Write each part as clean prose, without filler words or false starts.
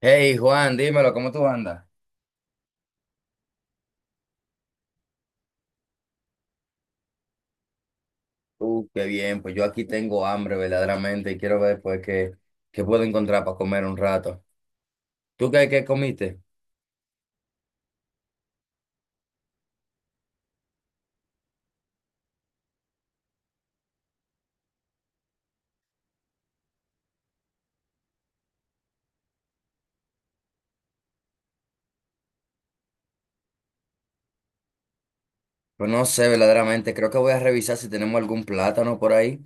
Hey Juan, dímelo, ¿cómo tú andas? Qué bien, pues yo aquí tengo hambre verdaderamente y quiero ver pues qué puedo encontrar para comer un rato. ¿Tú qué comiste? Pues no sé verdaderamente, creo que voy a revisar si tenemos algún plátano por ahí.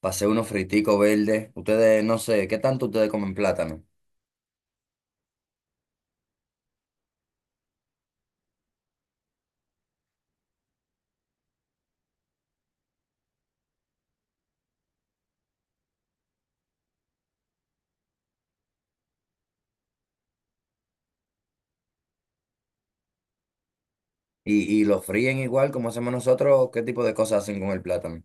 Pasé unos friticos verdes. Ustedes, no sé, ¿qué tanto ustedes comen plátano? ¿Y lo fríen igual como hacemos nosotros? ¿O qué tipo de cosas hacen con el plátano?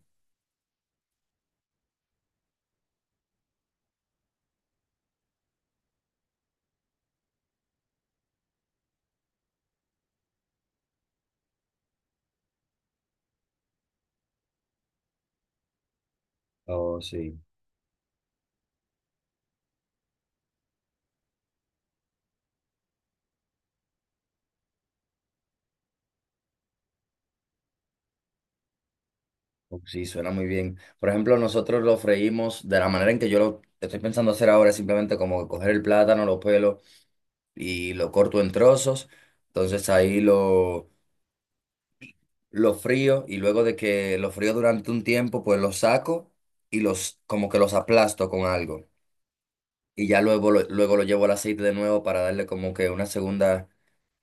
Oh, sí. Oh, sí, suena muy bien. Por ejemplo, nosotros lo freímos de la manera en que yo lo estoy pensando hacer ahora, es simplemente como coger el plátano, los pelos y lo corto en trozos. Entonces ahí lo frío y luego de que lo frío durante un tiempo, pues lo saco y los como que los aplasto con algo. Y ya luego luego lo llevo al aceite de nuevo para darle como que una segunda,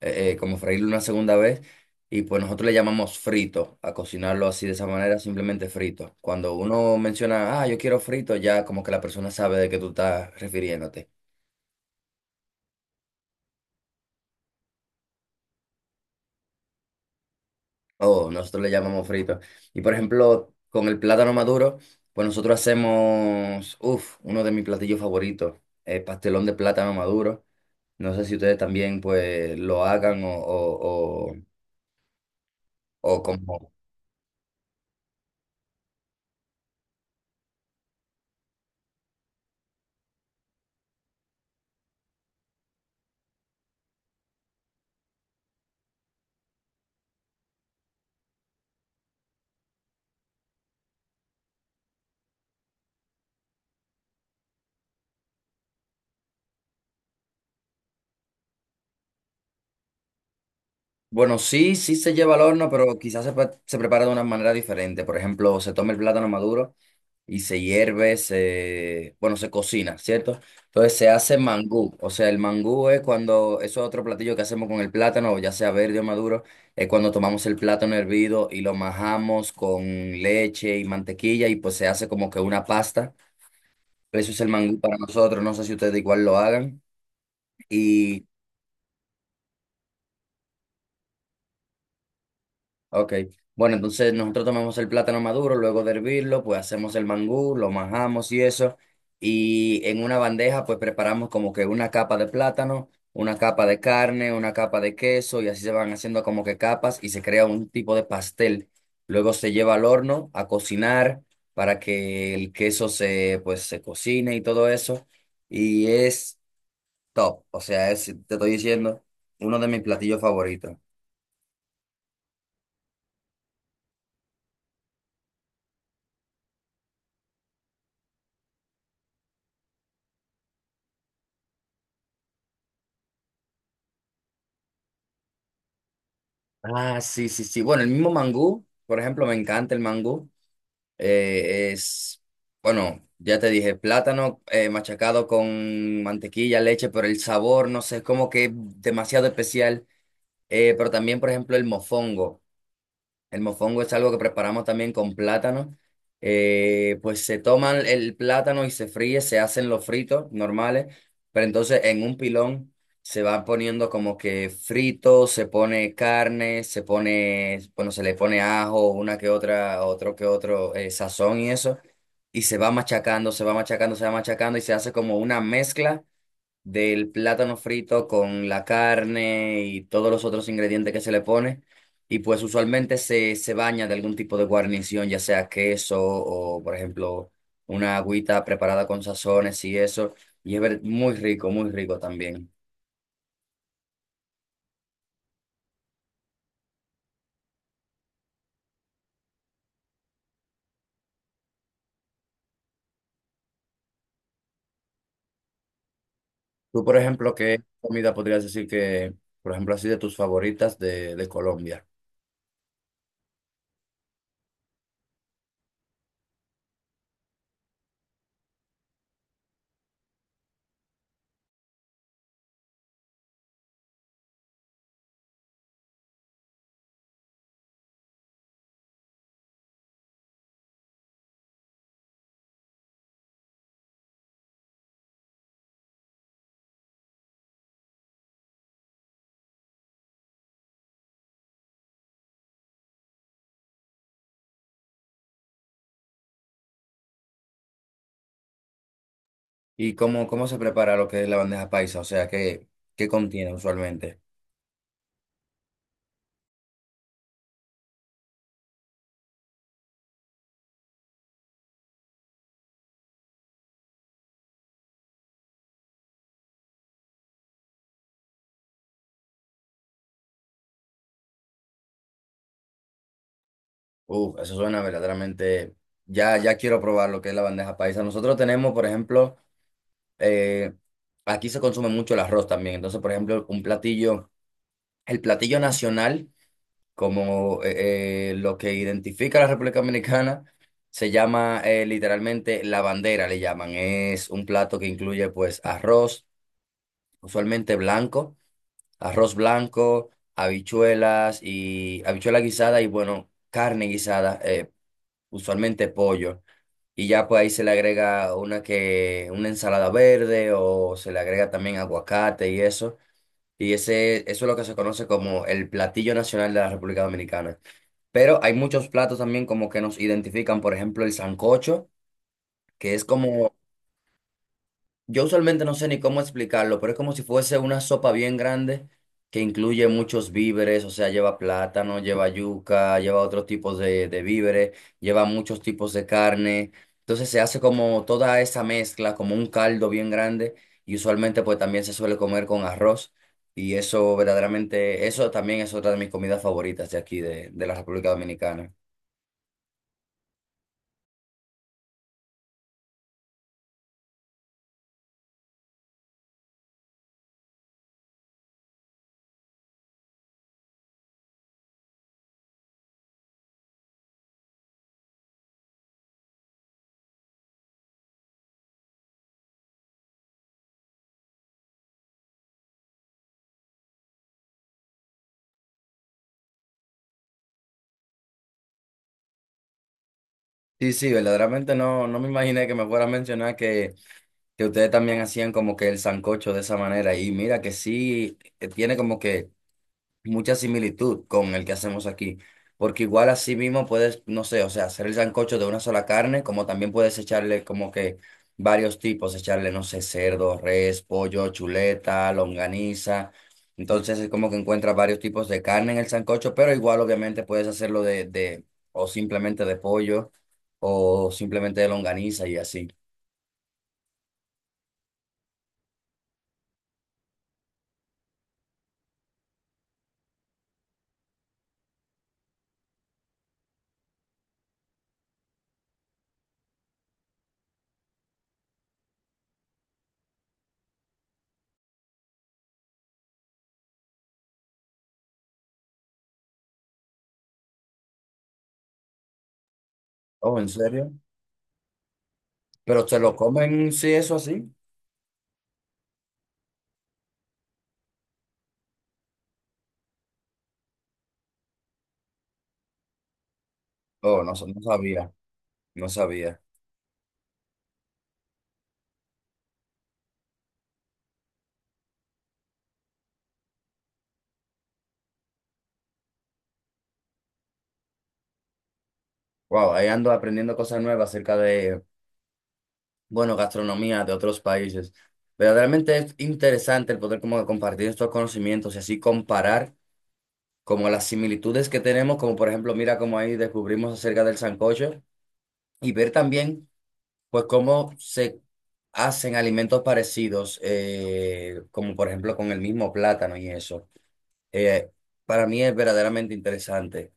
como freírlo una segunda vez. Y pues nosotros le llamamos frito, a cocinarlo así de esa manera, simplemente frito. Cuando uno menciona, ah, yo quiero frito, ya como que la persona sabe de qué tú estás refiriéndote. Oh, nosotros le llamamos frito. Y por ejemplo, con el plátano maduro, pues nosotros hacemos, uff, uno de mis platillos favoritos, pastelón de plátano maduro. No sé si ustedes también pues lo hagan o como... Bueno, sí, sí se lleva al horno, pero quizás pre- se prepara de una manera diferente. Por ejemplo, se toma el plátano maduro y se hierve, se, bueno, se cocina, ¿cierto? Entonces se hace mangú, o sea, el mangú es cuando, eso es otro platillo que hacemos con el plátano, ya sea verde o maduro, es cuando tomamos el plátano hervido y lo majamos con leche y mantequilla y pues se hace como que una pasta. Eso es el mangú para nosotros, no sé si ustedes igual lo hagan. Y ok. Bueno, entonces nosotros tomamos el plátano maduro, luego de hervirlo, pues hacemos el mangú, lo majamos y eso. Y en una bandeja, pues preparamos como que una capa de plátano, una capa de carne, una capa de queso, y así se van haciendo como que capas y se crea un tipo de pastel. Luego se lleva al horno a cocinar para que el queso se, pues, se cocine y todo eso. Y es top. O sea, es, te estoy diciendo, uno de mis platillos favoritos. Ah, sí, sí, sí. Bueno, el mismo mangú, por ejemplo, me encanta el mangú. Es, bueno, ya te dije, plátano machacado con mantequilla, leche, pero el sabor, no sé, es como que demasiado especial. Pero también, por ejemplo, el mofongo. El mofongo es algo que preparamos también con plátano. Pues se toman el plátano y se fríe, se hacen los fritos normales, pero entonces en un pilón se va poniendo como que frito, se pone carne, se pone, bueno, se le pone ajo, una que otra, otro que otro sazón y eso, y se va machacando, se va machacando, se va machacando y se hace como una mezcla del plátano frito con la carne y todos los otros ingredientes que se le pone. Y pues usualmente se baña de algún tipo de guarnición, ya sea queso o, por ejemplo, una agüita preparada con sazones y eso. Y es ver- muy rico también. Tú, por ejemplo, ¿qué comida podrías decir por ejemplo, así de tus favoritas de Colombia? ¿Y cómo se prepara lo que es la bandeja paisa? O sea, qué contiene usualmente? Uf, eso suena verdaderamente. Ya, ya quiero probar lo que es la bandeja paisa. Nosotros tenemos, por ejemplo, eh, aquí se consume mucho el arroz también. Entonces, por ejemplo, un platillo, el platillo nacional, como lo que identifica a la República Dominicana, se llama literalmente la bandera, le llaman. Es un plato que incluye, pues, arroz, usualmente blanco, arroz blanco, habichuelas y habichuela guisada y, bueno, carne guisada, usualmente pollo. Y ya pues ahí se le agrega una que, una ensalada verde o se le agrega también aguacate y eso. Y ese, eso es lo que se conoce como el platillo nacional de la República Dominicana. Pero hay muchos platos también como que nos identifican, por ejemplo, el sancocho, que es como yo usualmente no sé ni cómo explicarlo, pero es como si fuese una sopa bien grande que incluye muchos víveres, o sea, lleva plátano, lleva yuca, lleva otros tipos de víveres, lleva muchos tipos de carne. Entonces se hace como toda esa mezcla, como un caldo bien grande y usualmente pues también se suele comer con arroz y eso verdaderamente, eso también es otra de mis comidas favoritas de aquí, de la República Dominicana. Sí, sí, verdaderamente no me imaginé que me fuera a mencionar que ustedes también hacían como que el sancocho de esa manera. Y mira que sí, tiene como que mucha similitud con el que hacemos aquí. Porque igual así mismo puedes, no sé, o sea, hacer el sancocho de una sola carne, como también puedes echarle como que varios tipos, echarle, no sé, cerdo, res, pollo, chuleta, longaniza. Entonces es como que encuentras varios tipos de carne en el sancocho, pero igual obviamente puedes hacerlo o simplemente de pollo, o simplemente de longaniza y así. Oh, ¿en serio? Pero se lo comen, sí, eso así. Oh, no, sa- no sabía, no sabía. Wow, ahí ando aprendiendo cosas nuevas acerca de, bueno, gastronomía de otros países. Verdaderamente es interesante el poder como compartir estos conocimientos y así comparar como las similitudes que tenemos, como por ejemplo, mira cómo ahí descubrimos acerca del sancocho y ver también, pues, cómo se hacen alimentos parecidos, como por ejemplo con el mismo plátano y eso. Eh, para mí es verdaderamente interesante.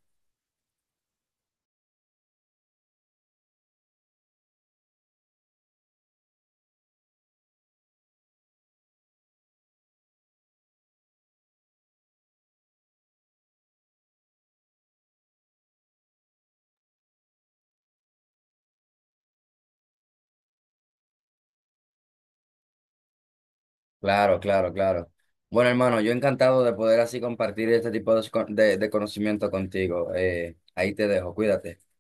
Claro, claro, claro. Bueno, hermano, yo encantado de poder así compartir este tipo de conocimiento contigo. Ahí te dejo, cuídate.